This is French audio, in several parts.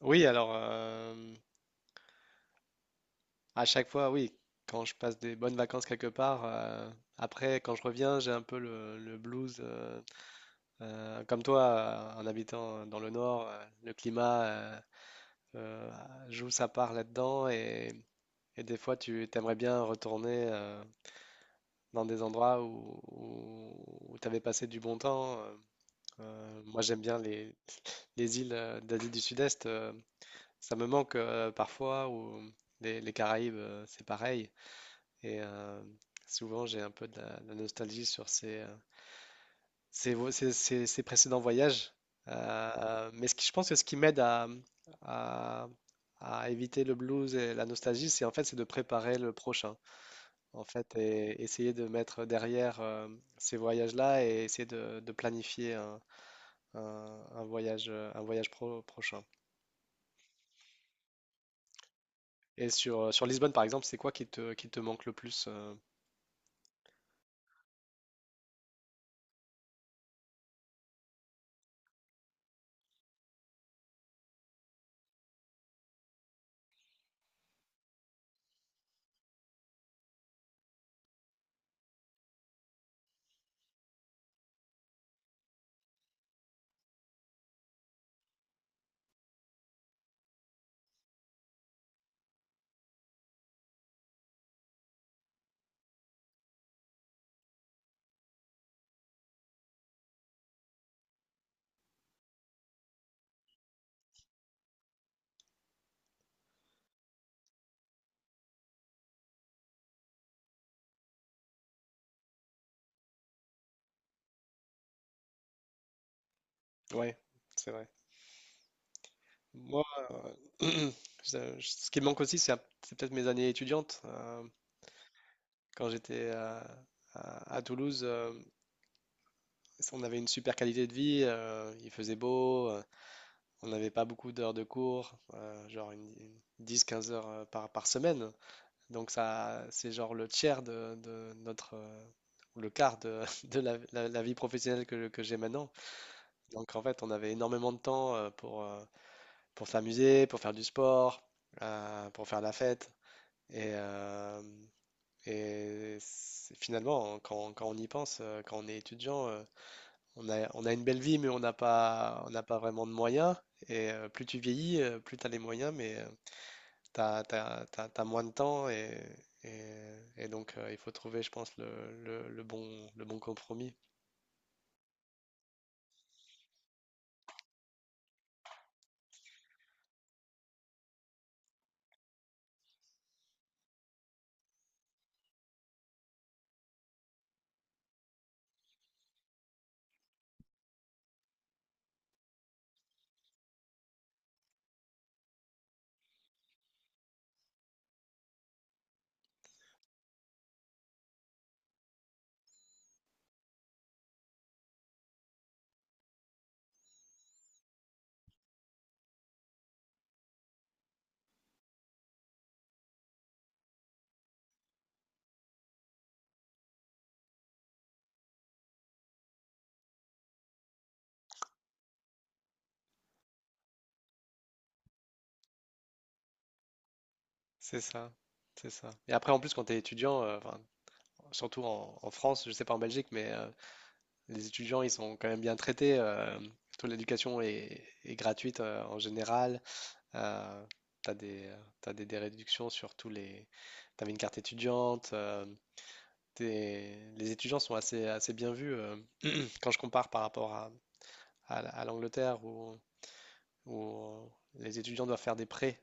Oui, alors à chaque fois, oui, quand je passe des bonnes vacances quelque part, après quand je reviens, j'ai un peu le blues, comme toi, en habitant dans le nord, le climat euh, joue sa part là-dedans et des fois tu t'aimerais bien retourner dans des endroits où tu avais passé du bon temps. Moi, j'aime bien les îles d'Asie du Sud-Est, ça me manque parfois, ou les Caraïbes, c'est pareil. Et euh, Souvent, j'ai un peu de la nostalgie sur ces, ces, vo- ces- ces- ces précédents voyages. Mais je pense que ce qui m'aide à- à éviter le blues et la nostalgie, c'est en fait c'est de préparer le prochain. En fait, et essayer de mettre derrière ces voyages-là et essayer de planifier un voyage, prochain. Et sur Lisbonne, par exemple, c'est quoi qui te manque le plus? Ouais, c'est vrai. Moi, euh, ce qui me manque aussi, c'est peut-être mes années étudiantes. Quand j'étais à Toulouse, on avait une super qualité de vie, il faisait beau, on n'avait pas beaucoup d'heures de cours, genre une 10-15 heures par semaine. Donc ça, c'est genre le tiers de notre, ou le quart de la vie professionnelle que j'ai maintenant. Donc en fait, on avait énormément de temps pour s'amuser, pour faire du sport, pour faire la fête. Et, euh, et finalement, quand on y pense, quand on est étudiant, on a une belle vie, mais on n'a pas vraiment de moyens. Et plus tu vieillis, plus tu as les moyens, mais tu as moins de temps. Donc, il faut trouver, je pense, le bon compromis. C'est ça, c'est ça. Et après, en plus, quand tu es étudiant, enfin, surtout en France, je sais pas en Belgique, mais les étudiants ils sont quand même bien traités. Surtout l'éducation est gratuite en général. Euh, t'as des réductions sur tous les. T'avais une carte étudiante. Les étudiants sont assez bien vus. Quand je compare par rapport à l'Angleterre où les étudiants doivent faire des prêts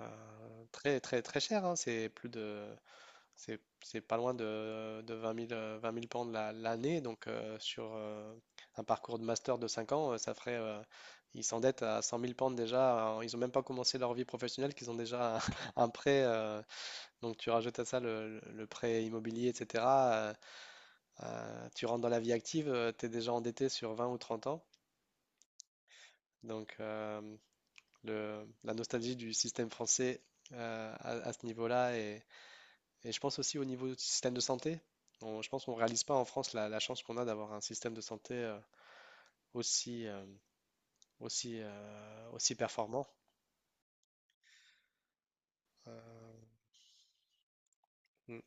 très, très, très chers, hein, c'est pas loin de 20 000, 20 000 pounds l'année. Donc, sur un parcours de master de 5 ans, ça ferait. Ils s'endettent à 100 000 pounds déjà. Ils ont même pas commencé leur vie professionnelle, qu'ils ont déjà un prêt. Donc, tu rajoutes à ça prêt immobilier, etc. euh, Tu rentres dans la vie active, tu es déjà endetté sur 20 ou 30 ans. Donc, la nostalgie du système français à ce niveau-là. Et je pense aussi au niveau du système de santé. Je pense qu'on ne réalise pas en France la chance qu'on a d'avoir un système de santé aussi, euh, aussi performant. Euh, mm.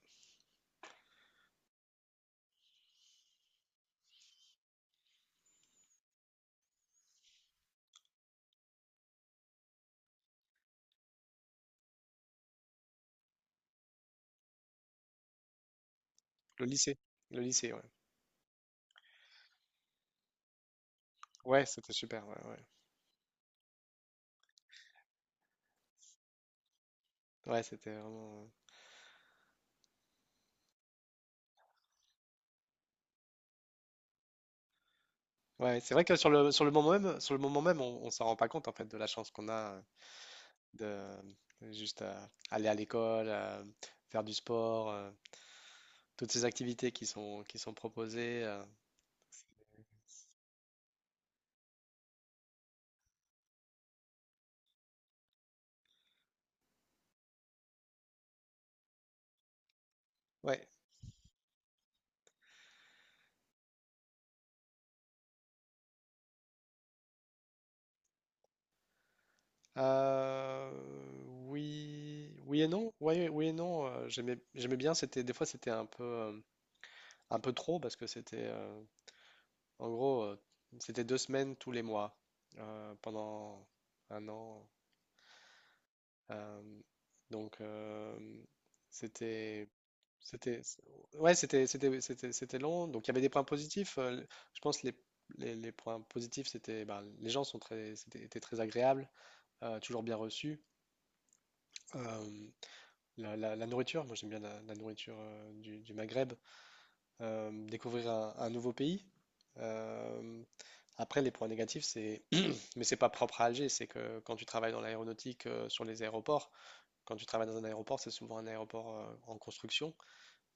Le lycée, le lycée, ouais. Ouais, c'était super, ouais, ouais. Ouais, c'était vraiment. Ouais, c'est vrai que sur le moment même, sur le moment même, on s'en rend pas compte en fait de la chance qu'on a de juste aller à l'école, faire du sport, toutes ces activités qui sont proposées. Ouais. Euh, oui, oui et non. Ouais, oui et non. J'aimais j'aimais bien. C'était des fois c'était un peu trop parce que en gros, c'était 2 semaines tous les mois pendant 1 an. Euh, donc c'était, c'était, ouais, c'était long. Donc il y avait des points positifs. Je pense les points positifs c'était, ben, les gens sont étaient très agréables, toujours bien reçus. Euh, la la- nourriture, moi j'aime bien la nourriture du Maghreb. Découvrir un nouveau pays. Euh, Après, les points négatifs, mais c'est pas propre à Alger, c'est que quand tu travailles dans l'aéronautique, sur les aéroports, quand tu travailles dans un aéroport, c'est souvent un aéroport en construction.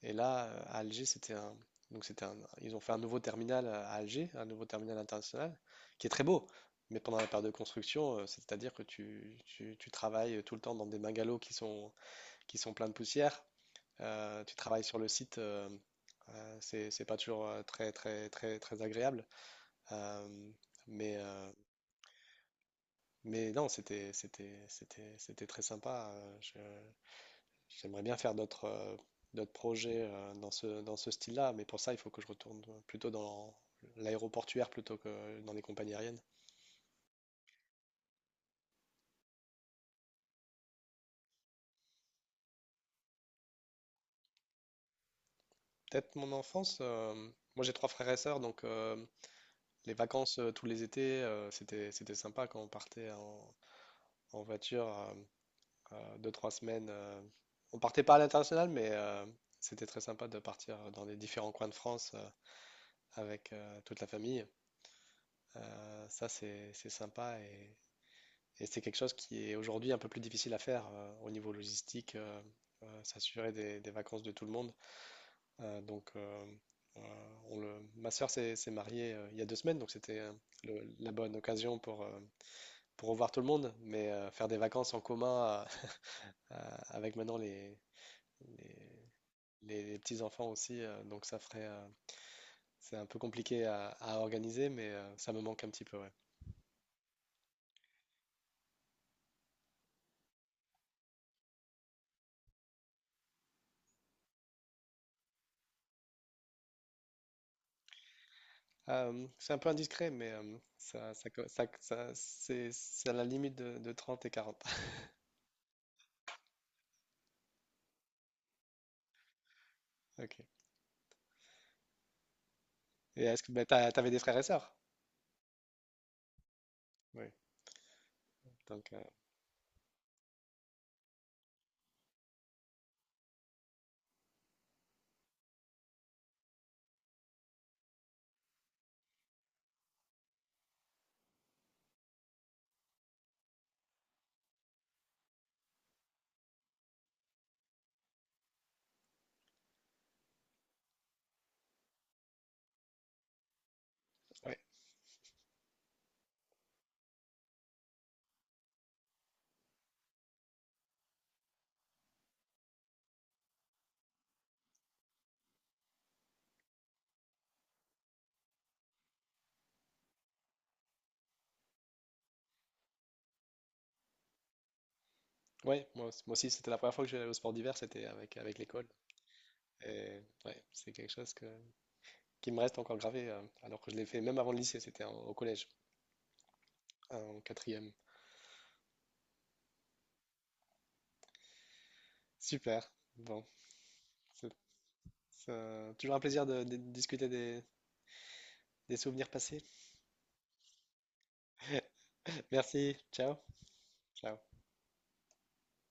Et là, à Alger, c'était un, donc c'était un- ils ont fait un nouveau terminal à Alger, un nouveau terminal international, qui est très beau. Mais pendant la période de construction, c'est-à-dire que tu travailles tout le temps dans des bungalows qui sont pleins de poussière. Tu travailles sur le site, c'est pas toujours très très très très agréable. Euh, mais mais non, c'était très sympa. J'aimerais bien faire d'autres projets dans ce style-là, mais pour ça, il faut que je retourne plutôt dans l'aéroportuaire plutôt que dans les compagnies aériennes. Peut-être mon enfance. Moi, j'ai trois frères et sœurs, donc les vacances tous les étés, c'était sympa quand on partait en voiture. 2, 3 semaines. On partait pas à l'international, mais c'était très sympa de partir dans les différents coins de France avec toute la famille. Ça, c'est sympa et c'est quelque chose qui est aujourd'hui un peu plus difficile à faire au niveau logistique, s'assurer des vacances de tout le monde. Euh, donc, euh, Ma sœur s'est mariée il y a 2 semaines, donc c'était la bonne occasion pour revoir tout le monde, mais faire des vacances en commun avec maintenant les- les petits-enfants aussi, c'est un peu compliqué à organiser, mais ça me manque un petit peu, ouais. C'est un peu indiscret, mais ça, ça, co- ça- ça- c'est à la limite de 30 et 40 Ok. Et est-ce que bah, t'avais des frères et sœurs? Oui. Donc, ouais. Ouais, moi aussi, moi aussi, c'était la première fois que j'allais au sport d'hiver, c'était avec l'école. Et ouais, c'est quelque chose qui me reste encore gravé, alors que je l'ai fait même avant le lycée, c'était au collège, en quatrième. Super. Bon, c'est toujours un plaisir de discuter des souvenirs passés. Merci, ciao, ciao.